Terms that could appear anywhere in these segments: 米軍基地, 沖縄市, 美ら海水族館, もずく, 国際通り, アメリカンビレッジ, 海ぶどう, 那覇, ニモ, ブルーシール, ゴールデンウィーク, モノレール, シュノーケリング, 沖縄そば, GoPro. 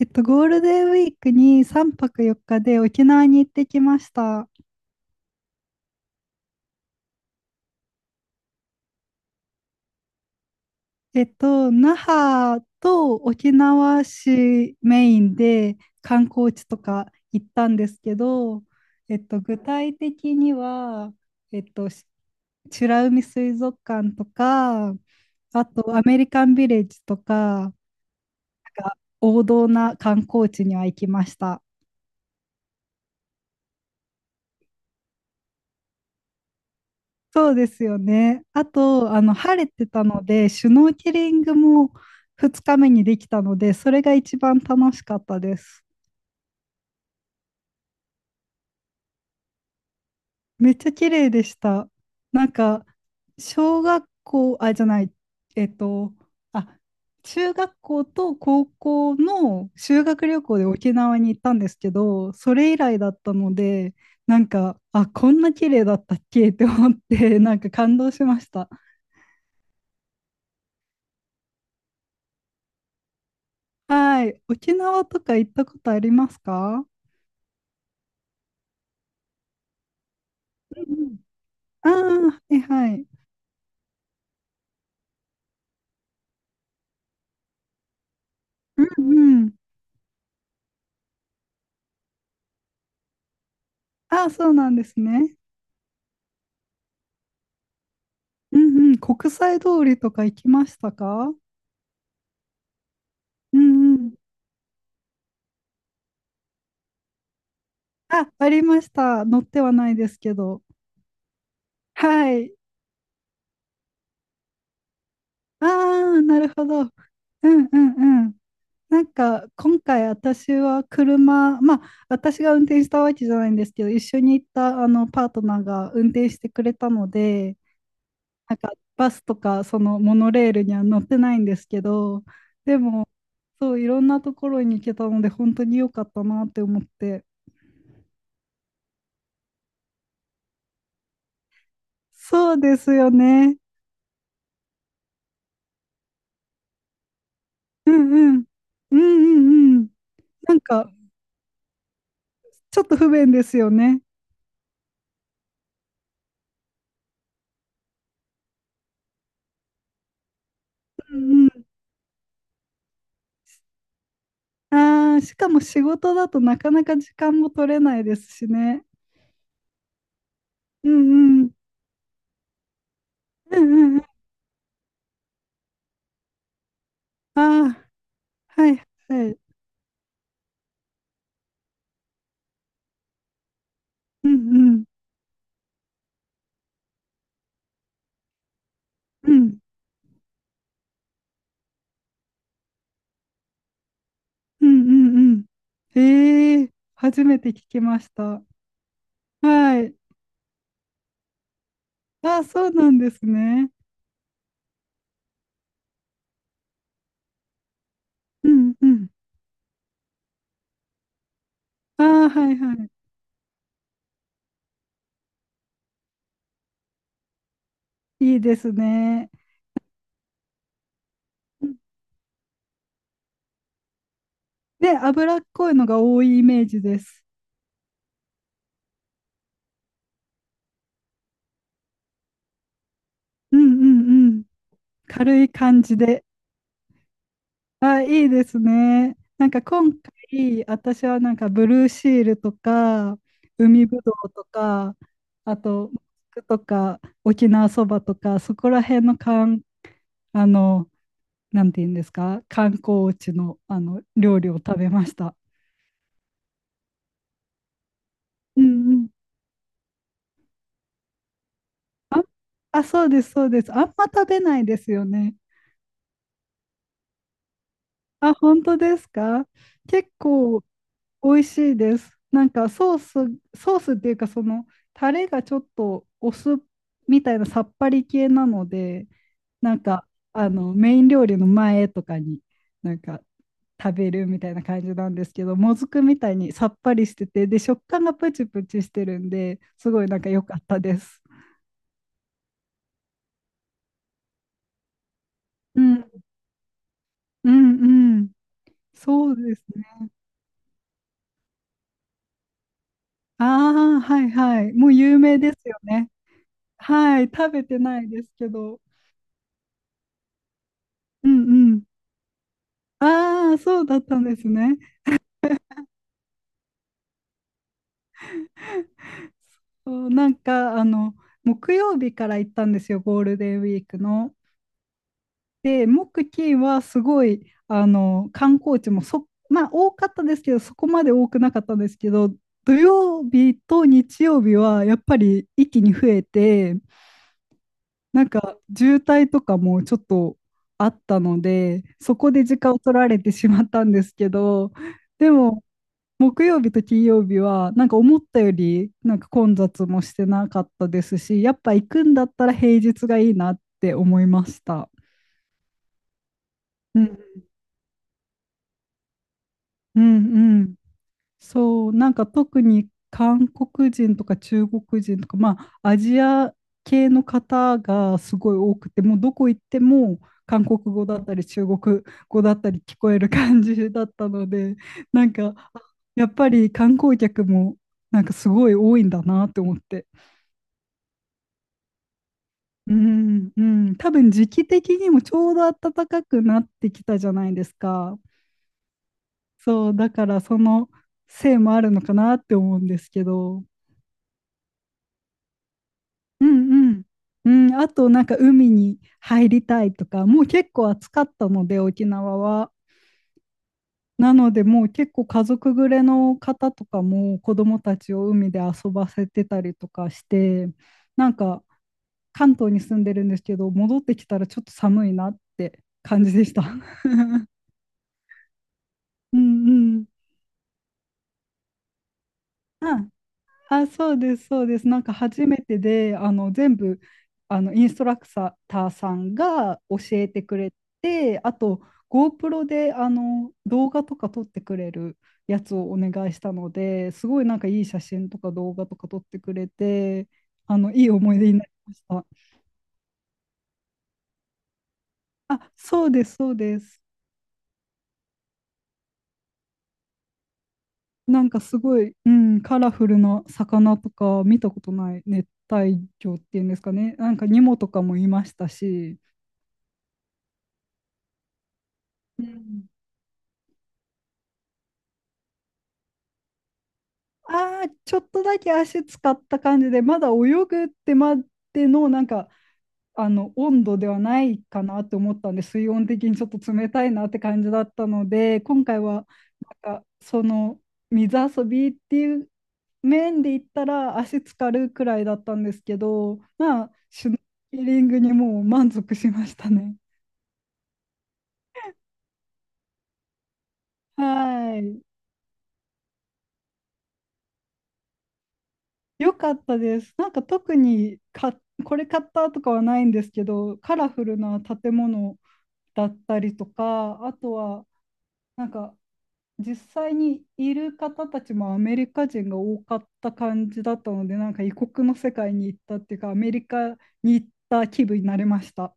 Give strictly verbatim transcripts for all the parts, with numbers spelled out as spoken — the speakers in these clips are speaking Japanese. えっと、ゴールデンウィークにさんぱくよっかで沖縄に行ってきました。えっと、那覇と沖縄市メインで観光地とか行ったんですけど、えっと、具体的には、えっと、し美ら海水族館とか、あとアメリカンビレッジとか、なんか王道な観光地には行きました。そうですよね。あと、あの、晴れてたので、シュノーケリングもふつかめにできたので、それが一番楽しかったです。めっちゃ綺麗でした。なんか、小学校、あ、じゃない、えっと、あ、中学校と高校の修学旅行で沖縄に行ったんですけど、それ以来だったので、なんか、あ、こんな綺麗だったっけって思って、なんか感動しました。はい。沖縄とか行ったことありますか？うんうん、ああー、はいはい。うんうん。ああ、そうなんですね。うんうん。国際通りとか行きましたか？うんうん。あ、ありました。乗ってはないですけど。はい。ああ、なるほど。うんうんうん。なんか、今回私は車、まあ、私が運転したわけじゃないんですけど、一緒に行ったあのパートナーが運転してくれたので、なんかバスとかそのモノレールには乗ってないんですけど、でも、そう、いろんなところに行けたので、本当に良かったなって思って。そうですよね。うんうん。うんうんうん。なんか、ちょっと不便ですよね。うんうん。ああ、しかも仕事だとなかなか時間も取れないですしね。うんうん。うんうんうん。ああ、はいはい。うんうん。うんうんうんうん。ええ、初めて聞きました。はい。あ、そうなんですね。うんうん。あー、はいはい。いいですね。で、脂っこいのが多いイメージです。うんうんうん。軽い感じで。あ、いいですね。なんか今回、私はなんかブルーシールとか、海ぶどうとか、あと、もずくとか、沖縄そばとか、そこら辺のかん、あの、なんて言うんですか、観光地の、あの料理を食べました。うんうん。あ、そうです、そうです。あんま食べないですよね。あ、本当ですか？結構美味しいです。なんかソース、ソースっていうかそのタレがちょっとお酢みたいなさっぱり系なので、なんかあのメイン料理の前とかになんか食べるみたいな感じなんですけど、もずくみたいにさっぱりしてて、で食感がプチプチしてるんで、すごいなんか良かったです。うん、うん、うん。そうですね。ああ、はいはい。もう有名ですよね。はい。食べてないですけど。うんうん。ああ、そうだったんですね。そう、なんか、あの、木曜日から行ったんですよ、ゴールデンウィークの。で、木、金はすごい、あの、観光地もそ、まあ、多かったですけど、そこまで多くなかったんですけど、土曜日と日曜日はやっぱり一気に増えて、なんか渋滞とかもちょっとあったので、そこで時間を取られてしまったんですけど、でも木曜日と金曜日はなんか思ったよりなんか混雑もしてなかったですし、やっぱ行くんだったら平日がいいなって思いました。うん、うん、そう、なんか特に韓国人とか中国人とか、まあ、アジア系の方がすごい多くて、もうどこ行っても韓国語だったり中国語だったり聞こえる感じだったので、なんかやっぱり観光客もなんかすごい多いんだなって思って。うん、うん、多分時期的にもちょうど暖かくなってきたじゃないですか。そう、だからそのせいもあるのかなって思うんですけど。うんうん。うん、あとなんか海に入りたいとか、もう結構暑かったので沖縄は。なのでもう結構家族連れの方とかも子供たちを海で遊ばせてたりとかして、なんか関東に住んでるんですけど、戻ってきたらちょっと寒いなって感じでした。うんうん。あ、そうです、そうです。なんか初めてで、あの全部あのインストラクターさんが教えてくれて、あと GoPro であの動画とか撮ってくれるやつをお願いしたので、すごいなんかいい写真とか動画とか撮ってくれて、あのいい思い出になりました。あ、そうです、そうです。なんかすごい、うん、カラフルな魚とか見たことない熱帯魚っていうんですかね。なんかニモとかもいましたし。うん。ああ、ちょっとだけ足使った感じで、まだ泳ぐってまでの、なんか、あの、温度ではないかなって思ったんで、水温的にちょっと冷たいなって感じだったので、今回は、なんか、その、水遊びっていう面で言ったら、足つかるくらいだったんですけど、まあ、シュノーケリングにもう満足しましたね。はい。よかったです。なんか特にか、これ買ったとかはないんですけど、カラフルな建物、だったりとか、あとはなんか実際にいる方たちもアメリカ人が多かった感じだったので、なんか異国の世界に行ったっていうか、アメリカに行った気分になれました。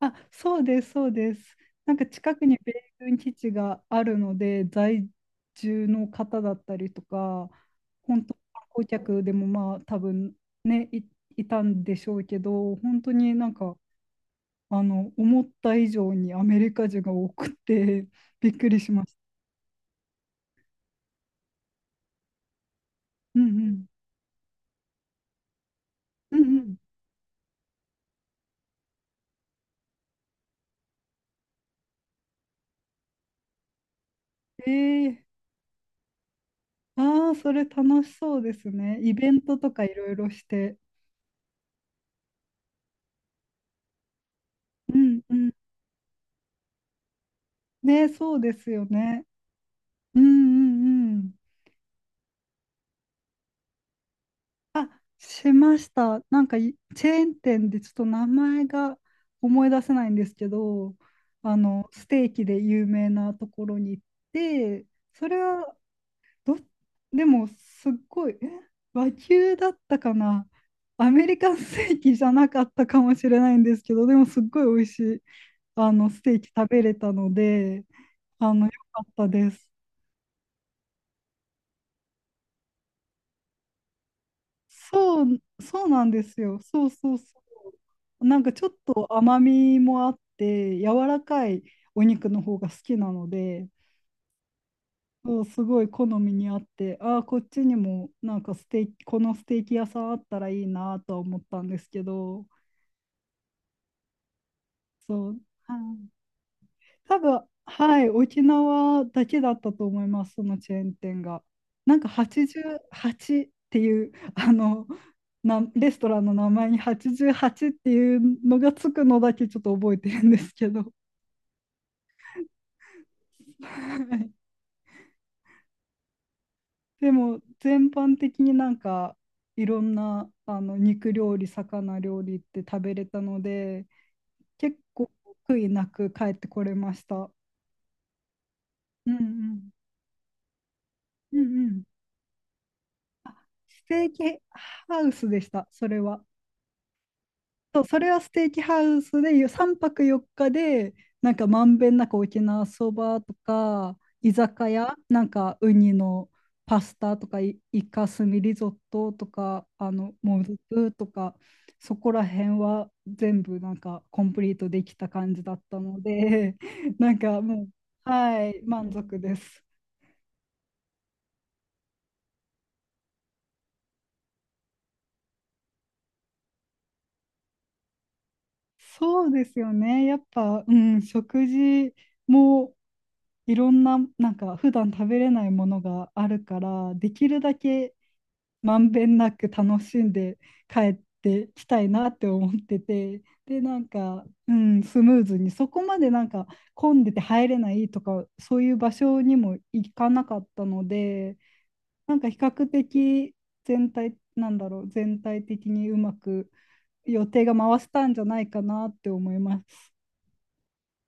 あ、そうです、そうです。なんか近くに米軍基地があるので、在住の方だったりとか、本当、観光客でもまあ多分ね、い、いたんでしょうけど、本当になんかあの、思った以上にアメリカ人が多くて、びっくりしました。うんうん。うんうん。えー、ああ、それ楽しそうですね。イベントとかいろいろして。うんうん。ね、そうですよね。うんうんうん。あ、しました。なんかい、チェーン店でちょっと名前が思い出せないんですけど、あの、ステーキで有名なところに行って、それはど、でも、すっごい、え和牛だったかな、アメリカンステーキじゃなかったかもしれないんですけど、でも、すっごい美味しい、あの、ステーキ食べれたので、あの、良かったです。そう、そうなんですよ。そうそうそう。なんかちょっと甘みもあって、柔らかいお肉の方が好きなので、そう、すごい好みにあって、ああ、こっちにもなんかステーキ、このステーキ屋さんあったらいいなとは思ったんですけど、そう。はい。多分、はい、沖縄だけだったと思います、そのチェーン店が。なんかはちじゅうはちっていう、あの、なレストランの名前にはちじゅうはちっていうのがつくのだけちょっと覚えてるんですけど。はい。でも、全般的になんか、いろんな、あの、肉料理、魚料理って食べれたので、結構、悔いなく帰ってこれました。うんうん。うんうん。ステーキハウスでした、それは。そう、それはステーキハウスでさんぱくよっかで、なんかまんべんなく沖縄そばとか、居酒屋、なんかウニのパスタとか、いイカスミリゾットとか、あの、もずくとか、そこら辺は全部なんかコンプリートできた感じだったので、なんかもう、はい、満足です。そうですよね。やっぱ、うん、食事もいろんな、なんか普段食べれないものがあるから、できるだけまんべんなく楽しんで帰ってきたいなって思ってて、で、なんか、うん、スムーズに、そこまでなんか混んでて入れないとか、そういう場所にも行かなかったので、なんか比較的全体、なんだろう、全体的にうまく予定が回せたんじゃないかなって思います。